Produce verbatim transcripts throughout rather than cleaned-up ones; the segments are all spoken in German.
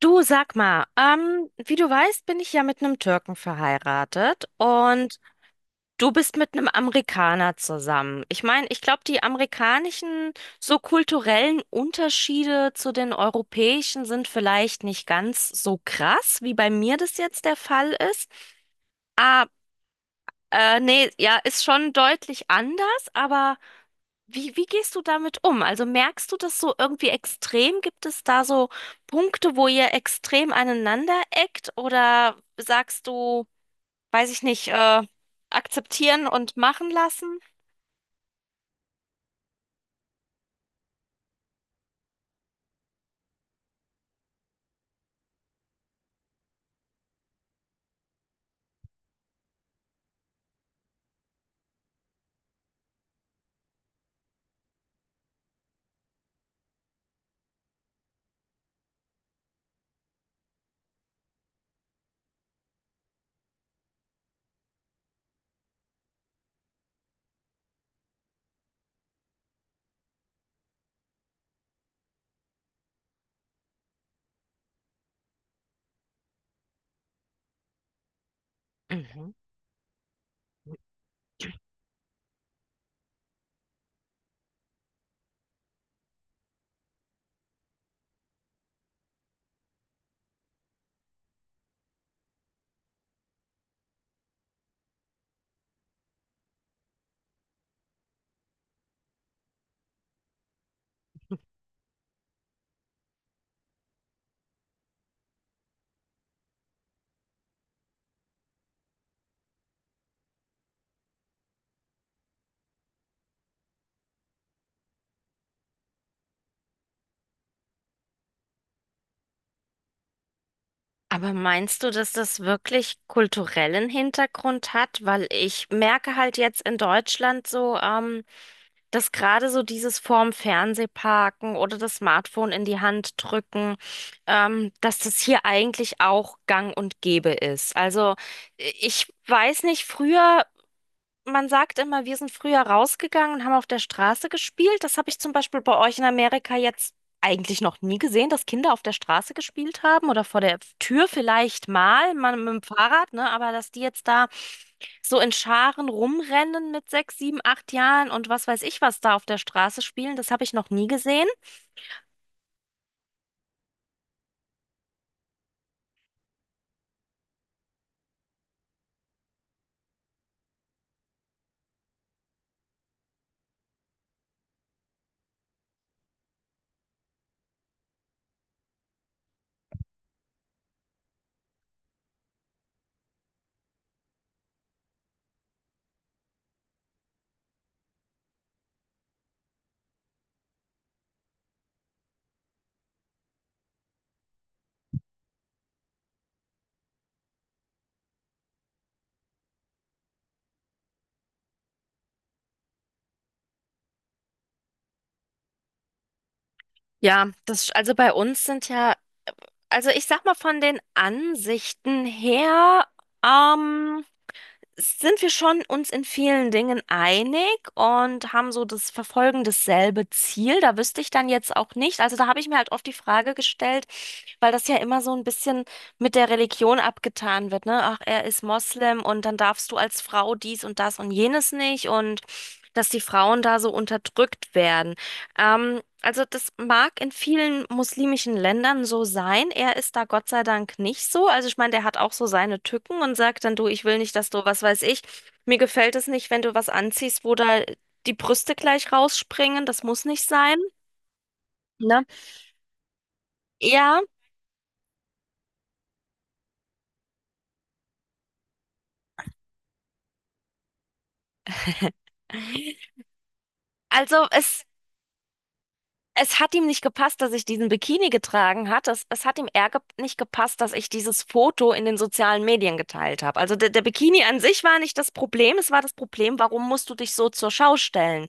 Du sag mal, ähm, wie du weißt, bin ich ja mit einem Türken verheiratet und du bist mit einem Amerikaner zusammen. Ich meine, ich glaube, die amerikanischen so kulturellen Unterschiede zu den europäischen sind vielleicht nicht ganz so krass, wie bei mir das jetzt der Fall ist. Ah, äh, nee, ja, ist schon deutlich anders, aber wie, wie gehst du damit um? Also merkst du das so irgendwie extrem? Gibt es da so Punkte, wo ihr extrem aneinander eckt? Oder sagst du, weiß ich nicht, äh, akzeptieren und machen lassen? Mhm. Aber meinst du, dass das wirklich kulturellen Hintergrund hat? Weil ich merke halt jetzt in Deutschland so, ähm, dass gerade so dieses vorm Fernseh parken oder das Smartphone in die Hand drücken, ähm, dass das hier eigentlich auch gang und gäbe ist. Also äh, ich weiß nicht, früher man sagt immer, wir sind früher rausgegangen und haben auf der Straße gespielt. Das habe ich zum Beispiel bei euch in Amerika jetzt eigentlich noch nie gesehen, dass Kinder auf der Straße gespielt haben oder vor der Tür vielleicht mal, mal mit dem Fahrrad, ne? Aber dass die jetzt da so in Scharen rumrennen mit sechs, sieben, acht Jahren und was weiß ich was da auf der Straße spielen, das habe ich noch nie gesehen. Ja, das, also bei uns sind ja, also ich sag mal von den Ansichten her, ähm, sind wir schon uns in vielen Dingen einig und haben so das Verfolgen dasselbe Ziel. Da wüsste ich dann jetzt auch nicht. Also da habe ich mir halt oft die Frage gestellt, weil das ja immer so ein bisschen mit der Religion abgetan wird, ne? Ach, er ist Moslem und dann darfst du als Frau dies und das und jenes nicht und dass die Frauen da so unterdrückt werden. Ähm, also das mag in vielen muslimischen Ländern so sein. Er ist da Gott sei Dank nicht so. Also ich meine, der hat auch so seine Tücken und sagt dann, du, ich will nicht, dass du, was weiß ich, mir gefällt es nicht, wenn du was anziehst, wo da die Brüste gleich rausspringen. Das muss nicht sein, ne? Ja, also es Es hat ihm nicht gepasst, dass ich diesen Bikini getragen hat. Es, es hat ihm eher ge nicht gepasst, dass ich dieses Foto in den sozialen Medien geteilt habe. Also der, der Bikini an sich war nicht das Problem. Es war das Problem, warum musst du dich so zur Schau stellen?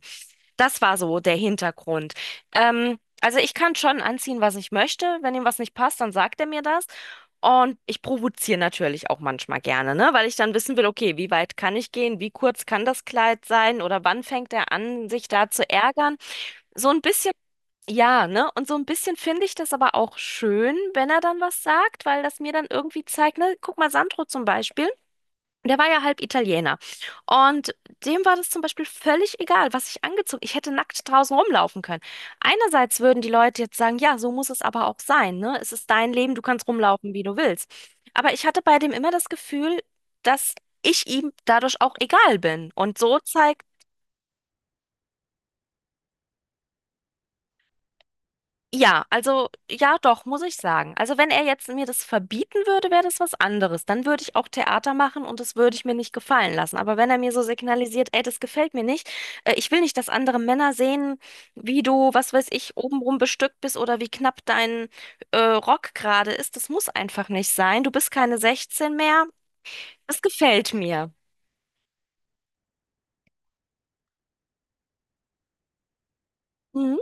Das war so der Hintergrund. Ähm, also ich kann schon anziehen, was ich möchte. Wenn ihm was nicht passt, dann sagt er mir das. Und ich provoziere natürlich auch manchmal gerne, ne? Weil ich dann wissen will, okay, wie weit kann ich gehen? Wie kurz kann das Kleid sein? Oder wann fängt er an, sich da zu ärgern? So ein bisschen ja, ne? Und so ein bisschen finde ich das aber auch schön, wenn er dann was sagt, weil das mir dann irgendwie zeigt, ne? Guck mal, Sandro zum Beispiel, der war ja halb Italiener. Und dem war das zum Beispiel völlig egal, was ich angezogen, ich hätte nackt draußen rumlaufen können. Einerseits würden die Leute jetzt sagen, ja, so muss es aber auch sein, ne? Es ist dein Leben, du kannst rumlaufen, wie du willst. Aber ich hatte bei dem immer das Gefühl, dass ich ihm dadurch auch egal bin. Und so zeigt Ja, also ja, doch, muss ich sagen. Also wenn er jetzt mir das verbieten würde, wäre das was anderes. Dann würde ich auch Theater machen und das würde ich mir nicht gefallen lassen. Aber wenn er mir so signalisiert, ey, das gefällt mir nicht, äh, ich will nicht, dass andere Männer sehen, wie du, was weiß ich, obenrum bestückt bist oder wie knapp dein äh, Rock gerade ist, das muss einfach nicht sein. Du bist keine sechzehn mehr. Das gefällt mir. Mhm.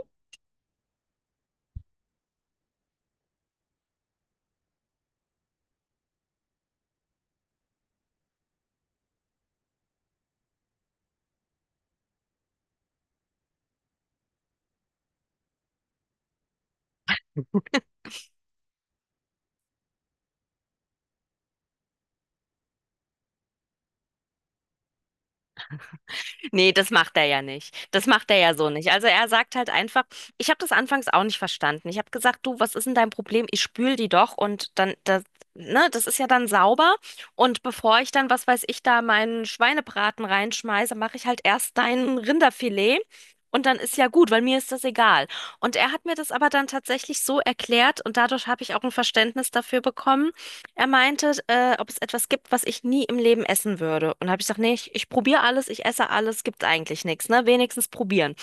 Nee, das macht er ja nicht. Das macht er ja so nicht. Also er sagt halt einfach, ich habe das anfangs auch nicht verstanden. Ich habe gesagt, du, was ist denn dein Problem? Ich spül die doch und dann, das, ne, das ist ja dann sauber. Und bevor ich dann, was weiß ich, da meinen Schweinebraten reinschmeiße, mache ich halt erst dein Rinderfilet. Und dann ist ja gut, weil mir ist das egal. Und er hat mir das aber dann tatsächlich so erklärt und dadurch habe ich auch ein Verständnis dafür bekommen, er meinte, äh, ob es etwas gibt, was ich nie im Leben essen würde. Und habe ich gesagt, nee, ich, ich probiere alles, ich esse alles, Gibt's eigentlich nichts, ne? Wenigstens probieren.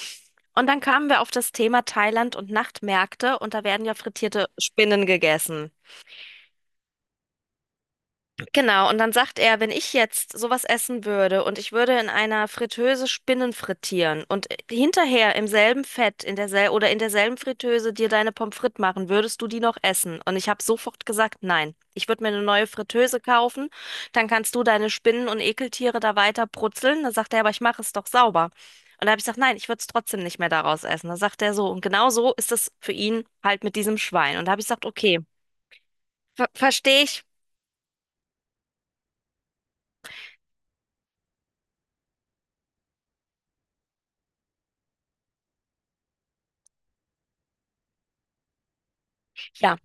Und dann kamen wir auf das Thema Thailand und Nachtmärkte und da werden ja frittierte Spinnen gegessen. Genau, und dann sagt er, wenn ich jetzt sowas essen würde und ich würde in einer Fritteuse Spinnen frittieren und hinterher im selben Fett in dersel oder in derselben Fritteuse dir deine Pommes frites machen, würdest du die noch essen? Und ich habe sofort gesagt, nein. Ich würde mir eine neue Fritteuse kaufen, dann kannst du deine Spinnen und Ekeltiere da weiter brutzeln. Dann sagt er, aber ich mache es doch sauber. Und da habe ich gesagt, nein, ich würde es trotzdem nicht mehr daraus essen. Dann sagt er so, und genau so ist es für ihn halt mit diesem Schwein. Und da habe ich gesagt, okay, ver verstehe ich. Ja,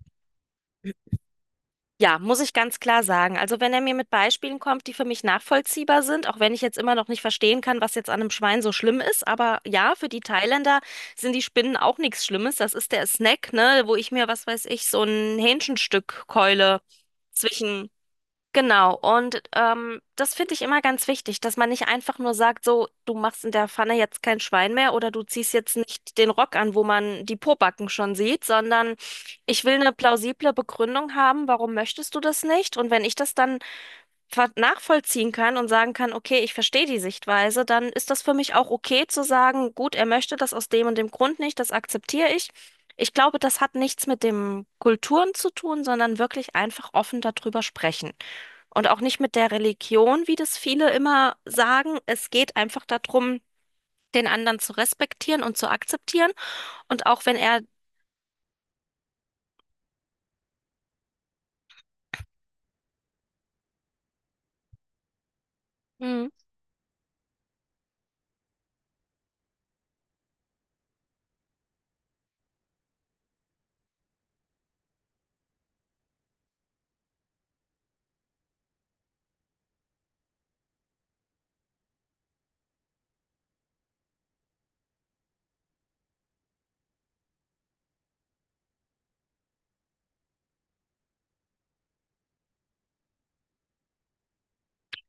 Ja, muss ich ganz klar sagen. Also wenn er mir mit Beispielen kommt, die für mich nachvollziehbar sind, auch wenn ich jetzt immer noch nicht verstehen kann, was jetzt an einem Schwein so schlimm ist, aber ja, für die Thailänder sind die Spinnen auch nichts Schlimmes. Das ist der Snack, ne, wo ich mir, was weiß ich, so ein Hähnchenstück keule zwischen Genau, und ähm, das finde ich immer ganz wichtig, dass man nicht einfach nur sagt, so, du machst in der Pfanne jetzt kein Schwein mehr oder du ziehst jetzt nicht den Rock an, wo man die Pobacken schon sieht, sondern ich will eine plausible Begründung haben, warum möchtest du das nicht? Und wenn ich das dann ver- nachvollziehen kann und sagen kann, okay, ich verstehe die Sichtweise, dann ist das für mich auch okay zu sagen, gut, er möchte das aus dem und dem Grund nicht, das akzeptiere ich. Ich glaube, das hat nichts mit dem Kulturen zu tun, sondern wirklich einfach offen darüber sprechen. Und auch nicht mit der Religion, wie das viele immer sagen. Es geht einfach darum, den anderen zu respektieren und zu akzeptieren. Und auch wenn er Mhm.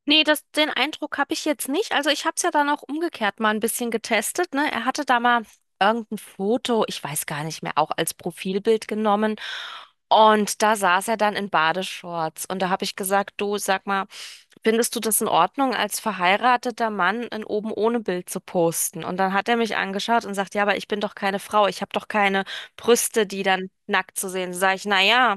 Nee, das, den Eindruck habe ich jetzt nicht. Also ich habe es ja dann auch umgekehrt mal ein bisschen getestet, ne? Er hatte da mal irgendein Foto, ich weiß gar nicht mehr, auch als Profilbild genommen. Und da saß er dann in Badeshorts. Und da habe ich gesagt, du, sag mal, findest du das in Ordnung, als verheirateter Mann ein oben ohne Bild zu posten? Und dann hat er mich angeschaut und sagt, ja, aber ich bin doch keine Frau, ich habe doch keine Brüste, die dann nackt zu sehen. Sind. Sag ich, na ja.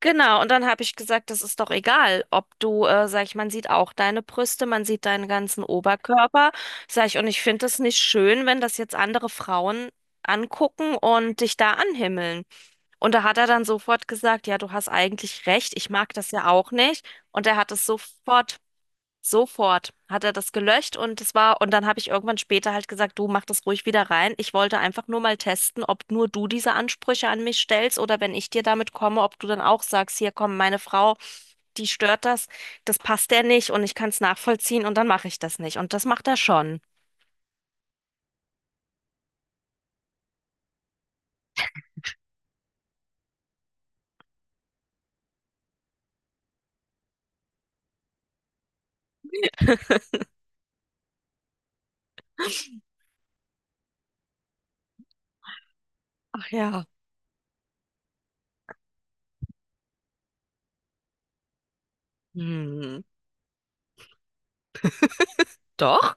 Genau, und dann habe ich gesagt, das ist doch egal, ob du, äh, sag ich, man sieht auch deine Brüste, man sieht deinen ganzen Oberkörper, sag ich, und ich finde es nicht schön, wenn das jetzt andere Frauen angucken und dich da anhimmeln. Und da hat er dann sofort gesagt, ja, du hast eigentlich recht, ich mag das ja auch nicht. Und er hat es sofort Sofort hat er das gelöscht und es war, und dann habe ich irgendwann später halt gesagt, du mach das ruhig wieder rein. Ich wollte einfach nur mal testen, ob nur du diese Ansprüche an mich stellst oder wenn ich dir damit komme, ob du dann auch sagst, hier komm, meine Frau, die stört das, das passt der nicht und ich kann es nachvollziehen und dann mache ich das nicht. Und das macht er schon. Ach ja. Hm, doch.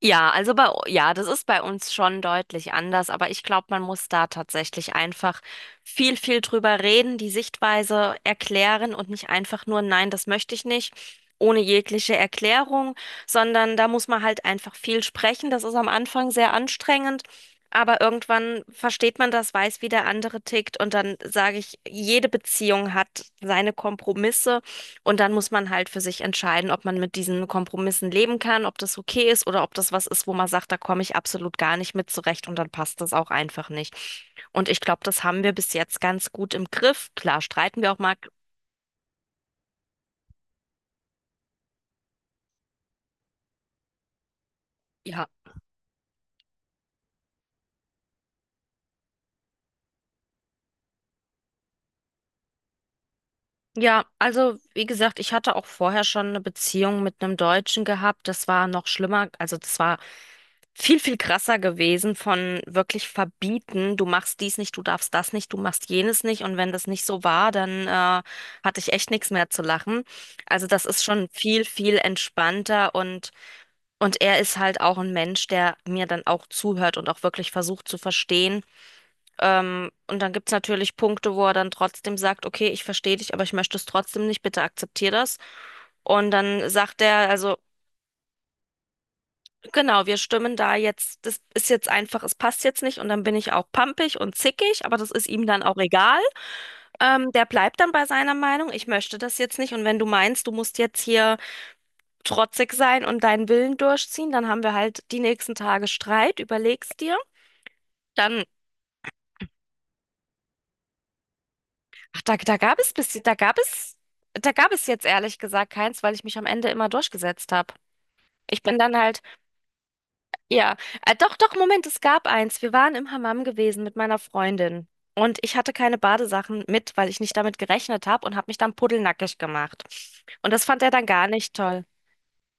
Ja, also bei, u- ja, das ist bei uns schon deutlich anders, aber ich glaube, man muss da tatsächlich einfach viel, viel drüber reden, die Sichtweise erklären und nicht einfach nur, nein, das möchte ich nicht, ohne jegliche Erklärung, sondern da muss man halt einfach viel sprechen. Das ist am Anfang sehr anstrengend, aber irgendwann versteht man das, weiß, wie der andere tickt und dann sage ich, jede Beziehung hat seine Kompromisse. Und dann muss man halt für sich entscheiden, ob man mit diesen Kompromissen leben kann, ob das okay ist oder ob das was ist, wo man sagt, da komme ich absolut gar nicht mit zurecht und dann passt das auch einfach nicht. Und ich glaube, das haben wir bis jetzt ganz gut im Griff. Klar, streiten wir auch mal. Ja. Ja, also wie gesagt, ich hatte auch vorher schon eine Beziehung mit einem Deutschen gehabt. Das war noch schlimmer. Also das war viel, viel krasser gewesen von wirklich verbieten, du machst dies nicht, du darfst das nicht, du machst jenes nicht und wenn das nicht so war, dann äh, hatte ich echt nichts mehr zu lachen. Also das ist schon viel, viel entspannter und, und er ist halt auch ein Mensch, der mir dann auch zuhört und auch wirklich versucht zu verstehen. Ähm, und dann gibt's natürlich Punkte, wo er dann trotzdem sagt, okay, ich verstehe dich, aber ich möchte es trotzdem nicht, bitte akzeptier das. Und dann sagt er, also genau, wir stimmen da jetzt, das ist jetzt einfach, es passt jetzt nicht und dann bin ich auch pampig und zickig, aber das ist ihm dann auch egal. Ähm, der bleibt dann bei seiner Meinung, ich möchte das jetzt nicht und wenn du meinst, du musst jetzt hier trotzig sein und deinen Willen durchziehen, dann haben wir halt die nächsten Tage Streit, überlegst dir. Dann, ach, da, da gab es bis, da gab es, da gab es jetzt ehrlich gesagt keins, weil ich mich am Ende immer durchgesetzt habe. Ich bin dann halt ja, äh, doch, doch, Moment, es gab eins. Wir waren im Hammam gewesen mit meiner Freundin. Und ich hatte keine Badesachen mit, weil ich nicht damit gerechnet habe und habe mich dann pudelnackig gemacht. Und das fand er dann gar nicht toll.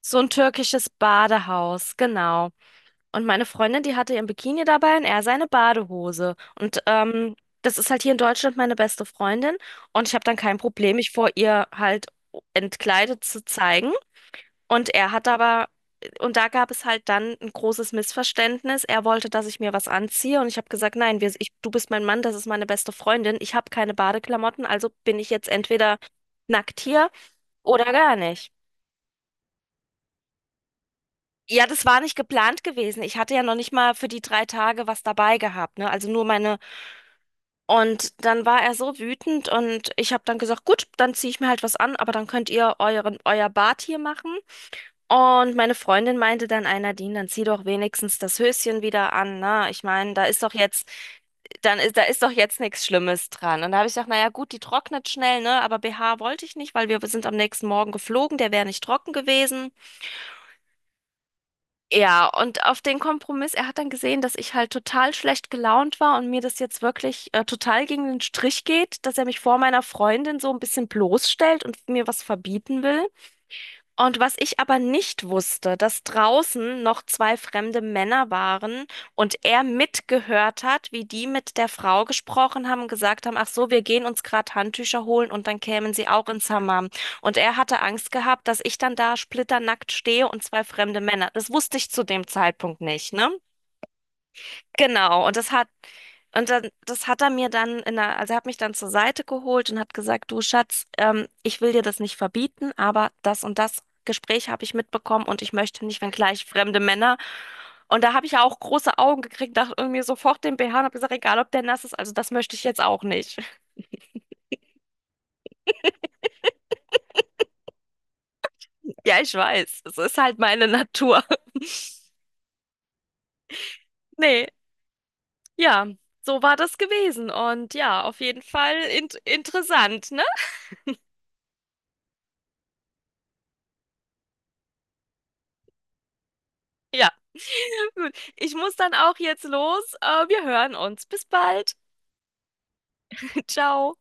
So ein türkisches Badehaus, genau. Und meine Freundin, die hatte ihren Bikini dabei und er seine Badehose. Und ähm, das ist halt hier in Deutschland meine beste Freundin. Und ich habe dann kein Problem, mich vor ihr halt entkleidet zu zeigen. Und er hat aber, und da gab es halt dann ein großes Missverständnis. Er wollte, dass ich mir was anziehe und ich habe gesagt, nein, wir, ich, du bist mein Mann, das ist meine beste Freundin. Ich habe keine Badeklamotten, also bin ich jetzt entweder nackt hier oder gar nicht. Ja, das war nicht geplant gewesen. Ich hatte ja noch nicht mal für die drei Tage was dabei gehabt, ne? Also nur meine. Und dann war er so wütend und ich habe dann gesagt, gut, dann ziehe ich mir halt was an, aber dann könnt ihr euren, euer Bad hier machen. Und meine Freundin meinte dann, einer Nadine, dann zieh doch wenigstens das Höschen wieder an, ne? Ich meine, da ist doch jetzt, dann ist, da ist doch jetzt nichts Schlimmes dran. Und da habe ich gesagt, naja, gut, die trocknet schnell, ne? Aber B H wollte ich nicht, weil wir sind am nächsten Morgen geflogen, der wäre nicht trocken gewesen. Ja, und auf den Kompromiss, er hat dann gesehen, dass ich halt total schlecht gelaunt war und mir das jetzt wirklich äh, total gegen den Strich geht, dass er mich vor meiner Freundin so ein bisschen bloßstellt und mir was verbieten will. Und was ich aber nicht wusste, dass draußen noch zwei fremde Männer waren und er mitgehört hat, wie die mit der Frau gesprochen haben, gesagt haben, ach so, wir gehen uns gerade Handtücher holen und dann kämen sie auch ins Hammam. Und er hatte Angst gehabt, dass ich dann da splitternackt stehe und zwei fremde Männer. Das wusste ich zu dem Zeitpunkt nicht, ne? Genau, und das hat, und dann, das hat er mir dann in der, also er hat mich dann zur Seite geholt und hat gesagt, du Schatz, ähm, ich will dir das nicht verbieten, aber das und das Gespräch habe ich mitbekommen und ich möchte nicht, wenn gleich fremde Männer. Und da habe ich ja auch große Augen gekriegt, dachte irgendwie sofort den B H und habe gesagt, egal ob der nass ist, also das möchte ich jetzt auch nicht. Ja, ich weiß, es ist halt meine Natur. Nee, ja, so war das gewesen und ja, auf jeden Fall int interessant. Ja, gut. Ich muss dann auch jetzt los. Äh, wir hören uns. Bis bald. Ciao.